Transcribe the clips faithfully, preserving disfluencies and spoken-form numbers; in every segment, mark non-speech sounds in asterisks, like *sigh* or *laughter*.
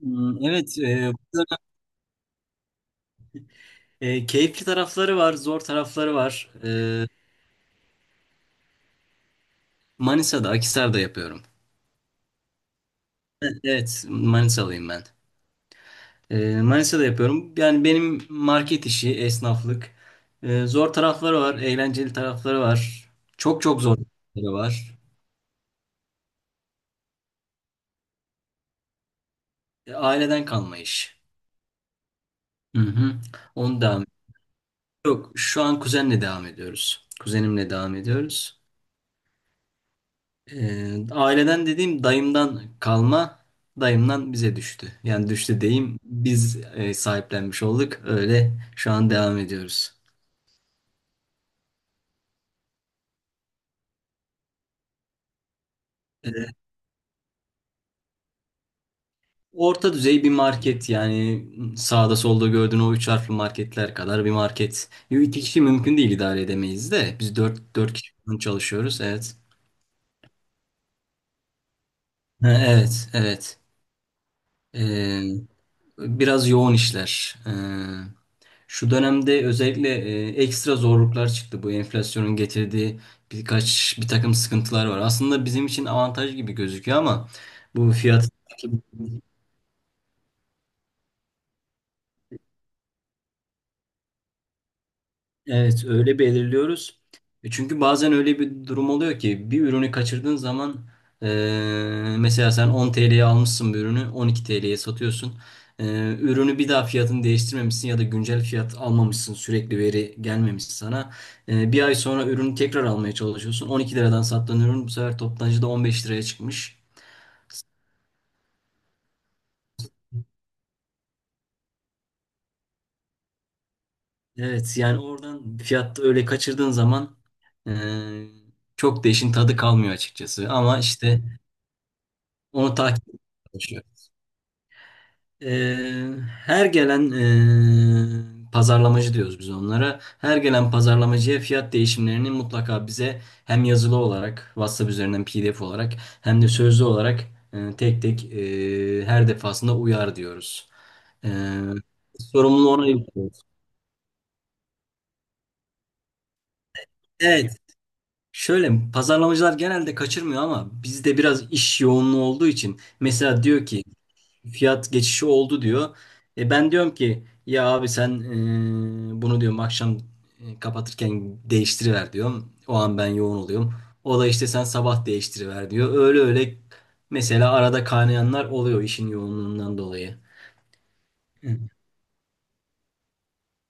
Hmm, Evet, e, e, keyifli tarafları var, zor tarafları var. E, Manisa'da, Akhisar'da yapıyorum. E, Evet, Manisalıyım ben. E, Manisa'da yapıyorum. Yani benim market işi, esnaflık. E, zor tarafları var, eğlenceli tarafları var. Çok çok zor tarafları var. E, aileden kalma iş. Hı hı. Onu devam Yok, şu an kuzenle devam ediyoruz. Kuzenimle devam ediyoruz. Ee, aileden dediğim dayımdan kalma, dayımdan bize düştü. Yani düştü diyeyim, biz e, sahiplenmiş olduk. Öyle şu an devam ediyoruz. Ee, Orta düzey bir market, yani sağda solda gördüğün o üç harfli marketler kadar bir market. Yo, İki kişi mümkün değil, idare edemeyiz de. Biz dört, dört kişi falan çalışıyoruz, evet. Ha, evet, evet. Ee, Biraz yoğun işler. Ee, Şu dönemde özellikle e, ekstra zorluklar çıktı. Bu enflasyonun getirdiği birkaç bir takım sıkıntılar var. Aslında bizim için avantaj gibi gözüküyor, ama bu fiyat evet, öyle belirliyoruz. E Çünkü bazen öyle bir durum oluyor ki bir ürünü kaçırdığın zaman, e, mesela sen on T L'ye almışsın, bir ürünü on iki T L'ye satıyorsun. E, Ürünü bir daha fiyatını değiştirmemişsin ya da güncel fiyat almamışsın, sürekli veri gelmemiş sana. E, bir ay sonra ürünü tekrar almaya çalışıyorsun. on iki liradan sattığın ürün bu sefer toptancıda on beş liraya çıkmış. Evet, yani oradan fiyatta öyle kaçırdığın zaman e, çok da işin tadı kalmıyor açıkçası. Ama işte onu takip ediyoruz. Eee, Her gelen eee, pazarlamacı diyoruz biz onlara. Her gelen pazarlamacıya fiyat değişimlerini mutlaka bize hem yazılı olarak WhatsApp üzerinden P D F olarak hem de sözlü olarak, eee, tek tek, eee, her defasında uyar diyoruz. Eee Sorumluluğu ona yüklüyoruz. Evet. Şöyle, pazarlamacılar genelde kaçırmıyor, ama bizde biraz iş yoğunluğu olduğu için mesela diyor ki fiyat geçişi oldu diyor. E ben diyorum ki ya abi sen, e, bunu diyorum akşam, e, kapatırken değiştiriver diyorum. O an ben yoğun oluyorum. O da işte sen sabah değiştiriver diyor. Öyle öyle mesela arada kaynayanlar oluyor işin yoğunluğundan dolayı. Hı.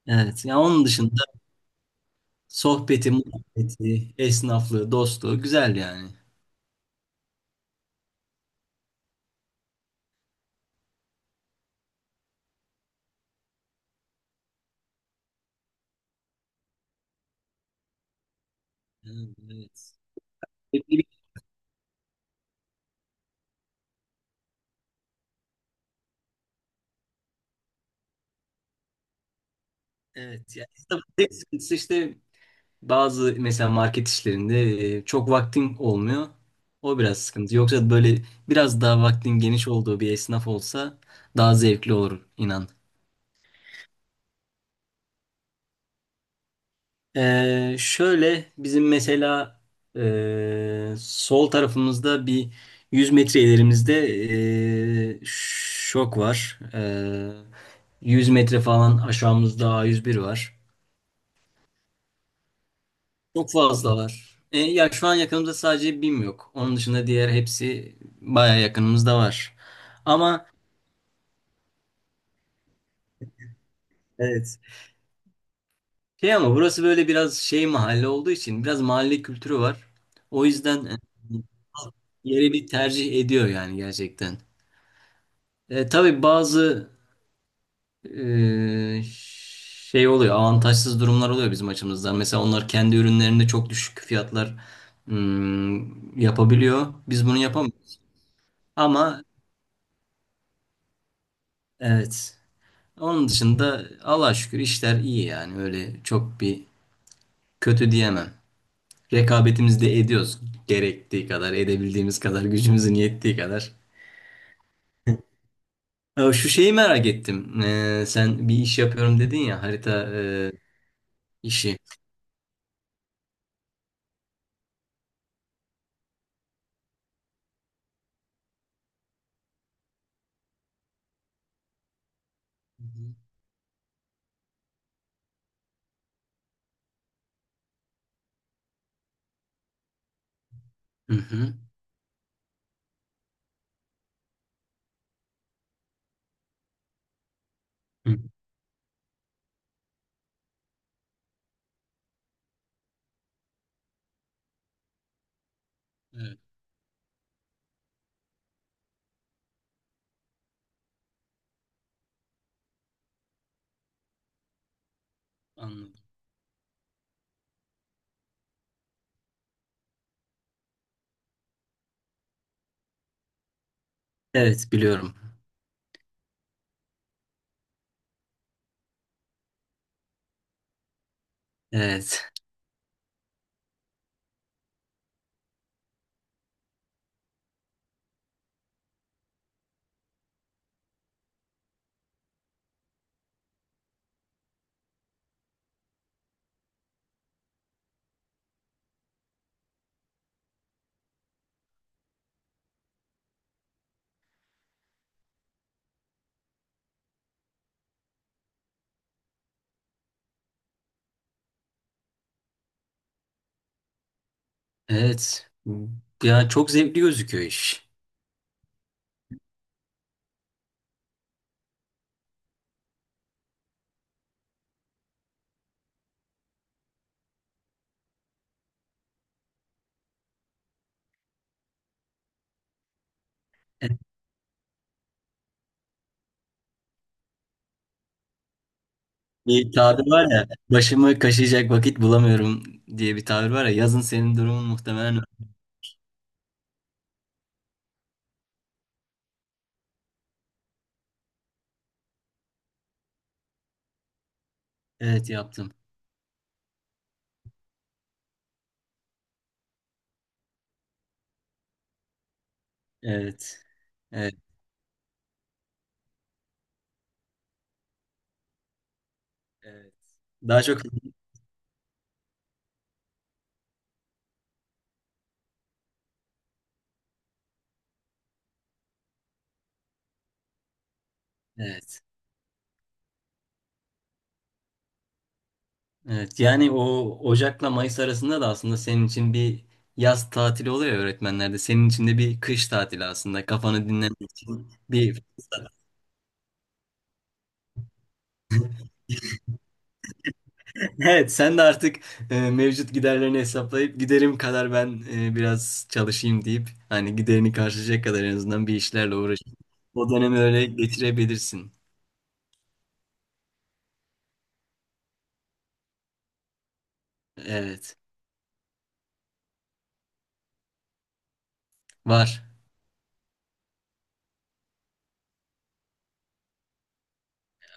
Evet, ya onun dışında sohbeti, muhabbeti, esnaflığı, dostluğu güzel yani. Evet. Evet, evet. Yani esnafın tek sıkıntısı işte. Bazı mesela market işlerinde e, çok vaktin olmuyor. O biraz sıkıntı. Yoksa böyle biraz daha vaktin geniş olduğu bir esnaf olsa daha zevkli olur inan. Ee, şöyle bizim mesela e, sol tarafımızda bir yüz metre ilerimizde e, şok var. E, yüz metre falan aşağımızda A yüz bir var. Çok fazla var. E, ya şu an yakınımızda sadece BİM yok. Onun dışında diğer hepsi baya yakınımızda var. Ama evet. Şey, ama burası böyle biraz şey mahalle olduğu için biraz mahalle kültürü var. O yüzden e, yeri bir tercih ediyor yani gerçekten. E, tabii bazı e, şey oluyor, avantajsız durumlar oluyor bizim açımızdan. Mesela onlar kendi ürünlerinde çok düşük fiyatlar hmm, yapabiliyor. Biz bunu yapamıyoruz. Ama evet. Onun dışında Allah'a şükür işler iyi yani, öyle çok bir kötü diyemem. Rekabetimizi de ediyoruz, gerektiği kadar, edebildiğimiz kadar, gücümüzün yettiği kadar. *laughs* Ya şu şeyi merak ettim. Ee, sen bir iş yapıyorum dedin ya, harita e, işi. Hı hı. Hı, evet, anladım. Evet, biliyorum. Evet. Evet. Ya çok zevkli gözüküyor iş. Evet, bir tabir var ya, başımı kaşıyacak vakit bulamıyorum diye bir tabir var ya. Yazın senin durumun muhtemelen Evet yaptım. Evet. Evet. Evet. Daha çok, evet. Evet. Yani, o Ocak'la Mayıs arasında da aslında senin için bir yaz tatili oluyor ya öğretmenlerde. Senin için de bir kış tatili aslında. Kafanı dinlemek için bir fırsat. *laughs* Evet, sen de artık e, mevcut giderlerini hesaplayıp giderim kadar ben e, biraz çalışayım deyip, hani giderini karşılayacak kadar en azından bir işlerle uğraşıp o dönemi öyle geçirebilirsin. Evet. Var.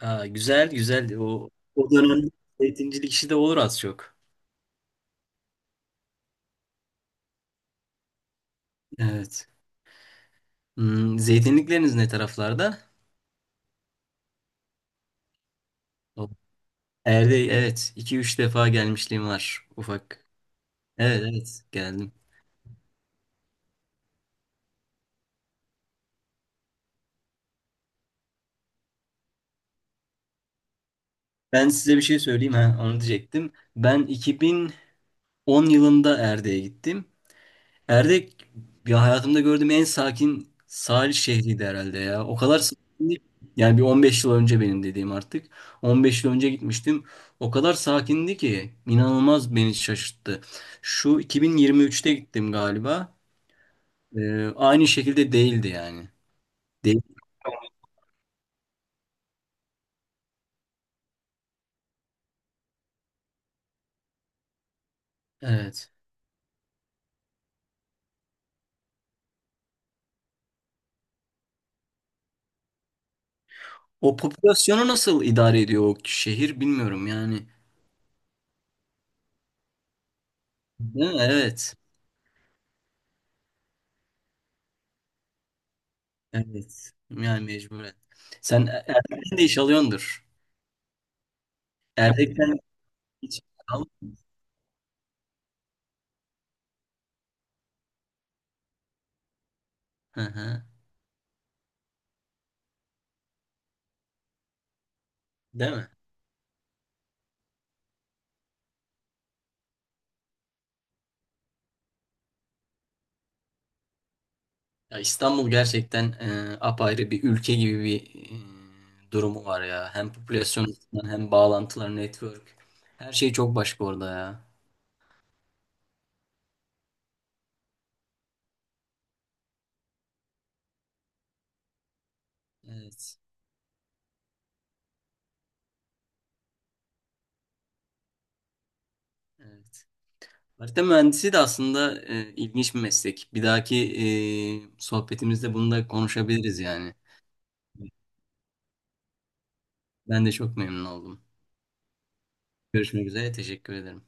Aa, güzel güzel. O, o dönemde zeytincilik işi de olur, az çok. Evet. Hmm, zeytinlikleriniz ne taraflarda? O- Erdek, evet. iki üç defa gelmişliğim var, ufak. Evet evet, geldim. Ben size bir şey söyleyeyim, ha onu diyecektim. Ben iki bin on yılında Erdek'e gittim. Erdek, ya hayatımda gördüğüm en sakin sahil şehriydi herhalde ya. O kadar sakindi. Yani bir on beş yıl önce benim dediğim artık. on beş yıl önce gitmiştim. O kadar sakindi ki inanılmaz beni şaşırttı. Şu iki bin yirmi üçte gittim galiba. Ee, aynı şekilde değildi yani. Değil. Evet. O popülasyonu nasıl idare ediyor o şehir bilmiyorum yani. Değil mi? Evet. Evet. Yani mecburen. Sen Erdek'ten de iş alıyordur. Erdek'ten hiç Hı hı. Değil mi? Ya İstanbul gerçekten e, apayrı bir ülke gibi bir e, durumu var ya. Hem popülasyon açısından, hem bağlantılar, network. Her şey çok başka orada ya. Evet. Evet. Harita mühendisi de aslında e, ilginç bir meslek. Bir dahaki e, sohbetimizde bunu da konuşabiliriz yani. Ben de çok memnun oldum. Görüşmek üzere. Teşekkür ederim.